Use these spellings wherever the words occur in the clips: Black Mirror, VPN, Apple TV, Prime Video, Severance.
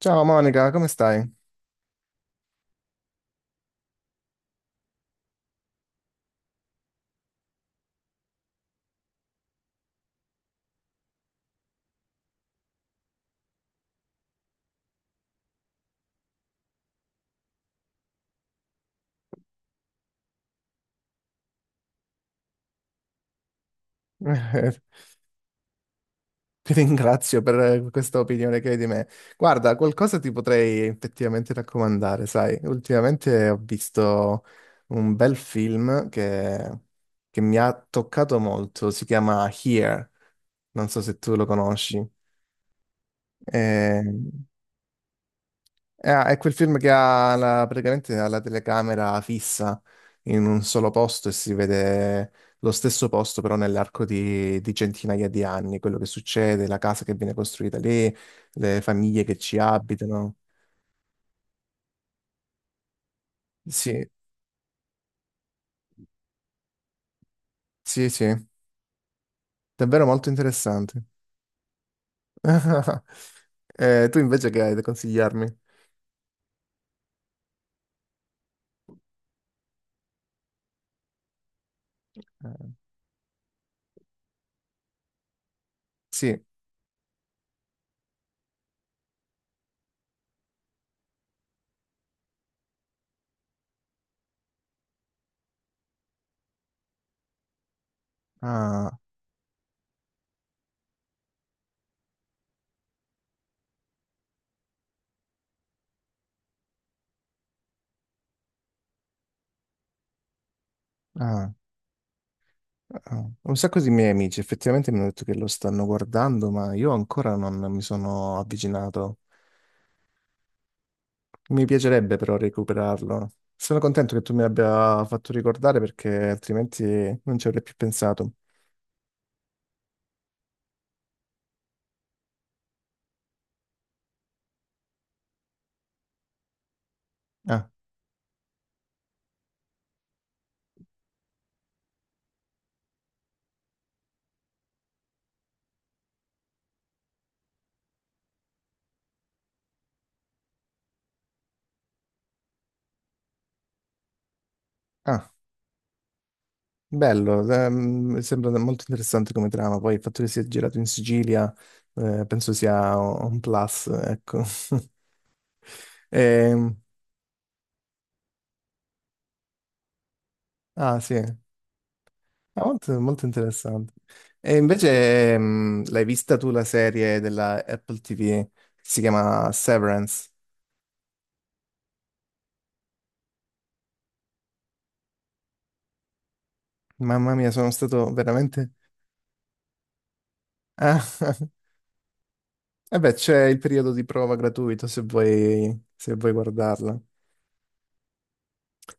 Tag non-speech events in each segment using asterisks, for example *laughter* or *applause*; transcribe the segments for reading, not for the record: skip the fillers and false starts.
Ciao Monica, come stai? *laughs* Ti ringrazio per questa opinione che hai di me. Guarda, qualcosa ti potrei effettivamente raccomandare, sai? Ultimamente ho visto un bel film che mi ha toccato molto, si chiama Here, non so se tu lo conosci. Eh, è quel film che praticamente ha la telecamera fissa in un solo posto e si vede lo stesso posto però nell'arco di centinaia di anni, quello che succede, la casa che viene costruita lì, le famiglie che ci abitano. Sì, sì, sì, davvero molto interessante. *laughs* Tu invece che hai da consigliarmi? Eh, Sì, ah, ah. Ah, un sacco di miei amici effettivamente mi hanno detto che lo stanno guardando, ma io ancora non mi sono avvicinato. Mi piacerebbe però recuperarlo. Sono contento che tu mi abbia fatto ricordare, perché altrimenti non ci avrei più pensato. Ah, ah, bello, sembra molto interessante come trama. Poi il fatto che sia girato in Sicilia, penso sia un plus, ecco. *laughs* Ehm, ah, sì. Ah, molto, molto interessante. E invece, l'hai vista tu la serie della Apple TV? Si chiama Severance. Mamma mia, sono stato veramente... Ah, *laughs* e beh, c'è il periodo di prova gratuito se vuoi, se vuoi guardarla.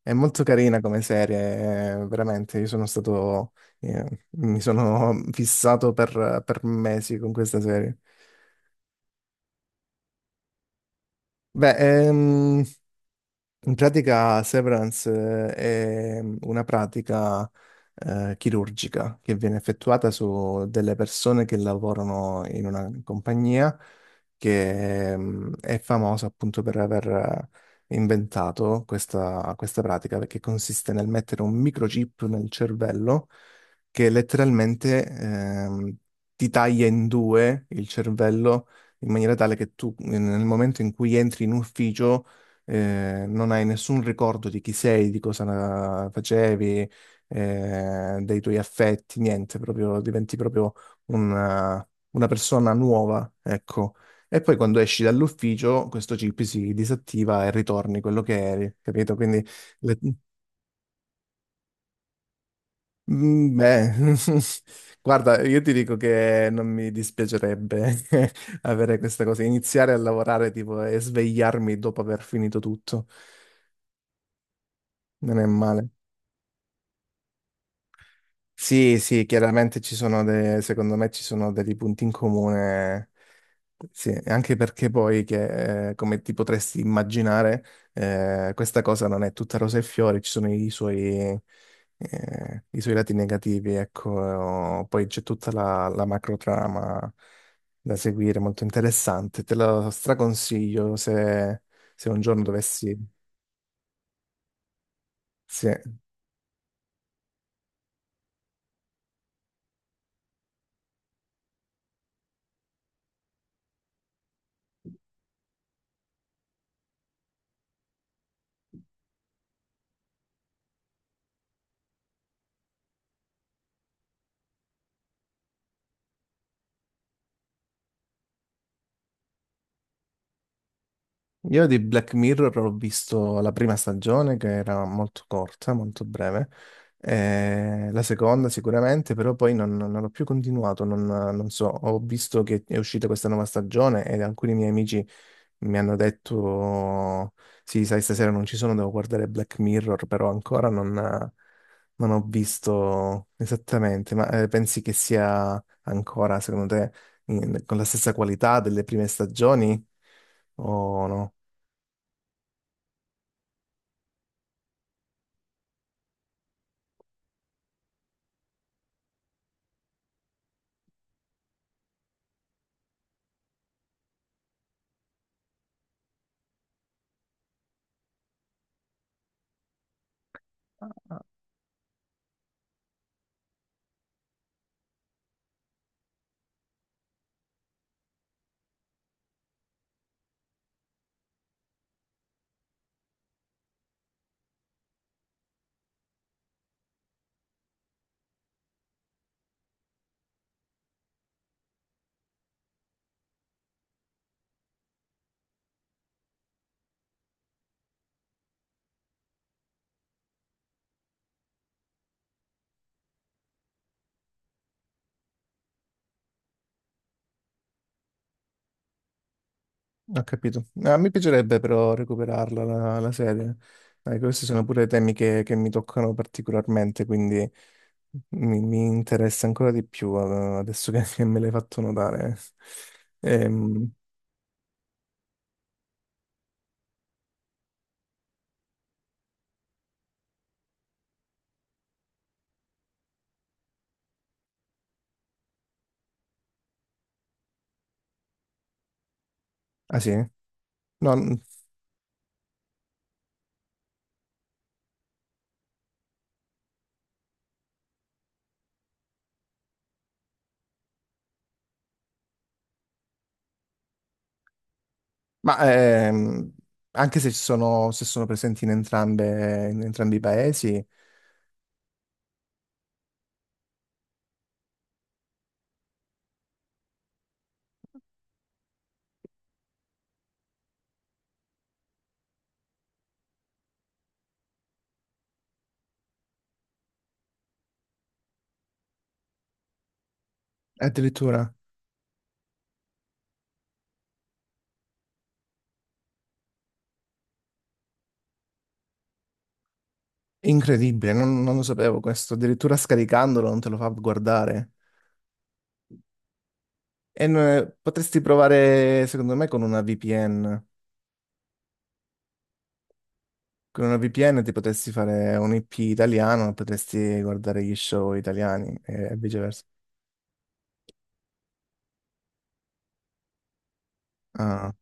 È molto carina come serie, veramente. Io sono stato... mi sono fissato per mesi con questa serie. Beh, in pratica, Severance è una pratica chirurgica che viene effettuata su delle persone che lavorano in una compagnia che è famosa appunto per aver inventato questa pratica, perché consiste nel mettere un microchip nel cervello che letteralmente ti taglia in due il cervello in maniera tale che tu nel momento in cui entri in ufficio non hai nessun ricordo di chi sei, di cosa facevi, dei tuoi affetti, niente, proprio diventi proprio una persona nuova, ecco. E poi quando esci dall'ufficio, questo chip si disattiva e ritorni quello che eri, capito? Quindi, le- mm, beh, *laughs* guarda, io ti dico che non mi dispiacerebbe *laughs* avere questa cosa, iniziare a lavorare tipo e svegliarmi dopo aver finito tutto, non è male. Sì, sì, chiaramente ci sono dei, secondo me ci sono dei punti in comune, sì, anche perché poi che, come ti potresti immaginare, questa cosa non è tutta rose e fiori, ci sono i suoi lati negativi, ecco, poi c'è tutta la macrotrama da seguire, molto interessante, te lo straconsiglio se, se un giorno dovessi, sì. Io di Black Mirror ho visto la prima stagione che era molto corta, molto breve, la seconda sicuramente, però poi non l'ho più continuato, non so, ho visto che è uscita questa nuova stagione e alcuni miei amici mi hanno detto, sì, sai, stasera non ci sono, devo guardare Black Mirror, però ancora non ho visto esattamente, ma pensi che sia ancora, secondo te, con la stessa qualità delle prime stagioni o no? Ho capito. No, mi piacerebbe però recuperarla la serie. Dai, questi sono pure temi che mi toccano particolarmente, quindi mi interessa ancora di più adesso che me l'hai fatto notare. Ehm, ah, sì? No, n- ma ehm, anche se ci sono, se sono presenti in entrambe, in entrambi i paesi, addirittura incredibile, non lo sapevo questo. Addirittura scaricandolo non te lo fa guardare. Potresti provare, secondo me, con una VPN. Con una VPN ti potresti fare un IP italiano, potresti guardare gli show italiani e viceversa. Ah,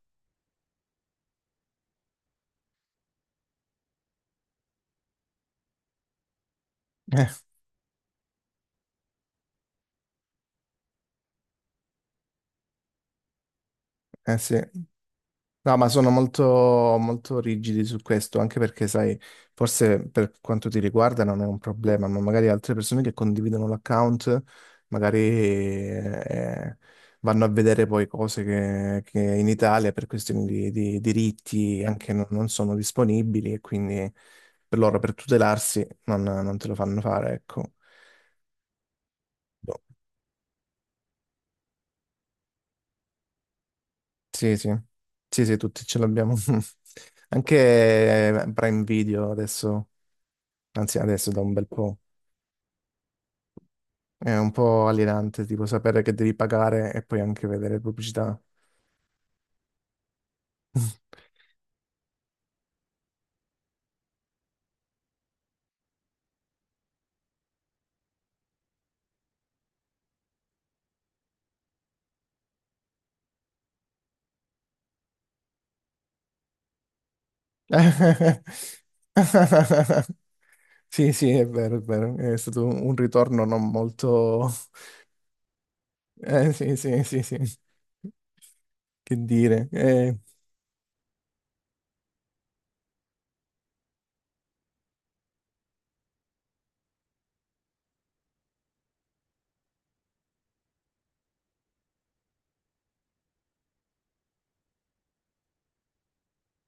eh, eh sì. No, ma sono molto, molto rigidi su questo, anche perché, sai, forse per quanto ti riguarda non è un problema, ma magari altre persone che condividono l'account, magari vanno a vedere poi cose che in Italia per questioni di diritti anche non sono disponibili e quindi per loro, per tutelarsi, non te lo fanno fare, ecco. Boh. Sì, sì, sì, sì, tutti ce l'abbiamo. *laughs* Anche Prime Video adesso. Anzi, adesso da un bel po'. È un po' alienante, tipo sapere che devi pagare e poi anche vedere pubblicità. *laughs* Sì, sì, è vero, è vero. È stato un ritorno non molto... *laughs* sì, sì, sì, sì. Che dire.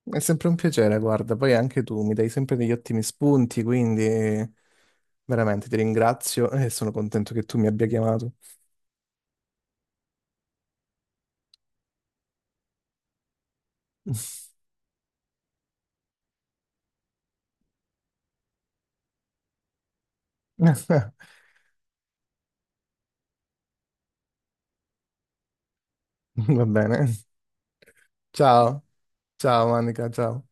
È sempre un piacere, guarda. Poi anche tu mi dai sempre degli ottimi spunti, quindi veramente ti ringrazio *laughs* e sono contento che tu mi abbia chiamato. *laughs* Va bene. Ciao, ciao Manica, ciao.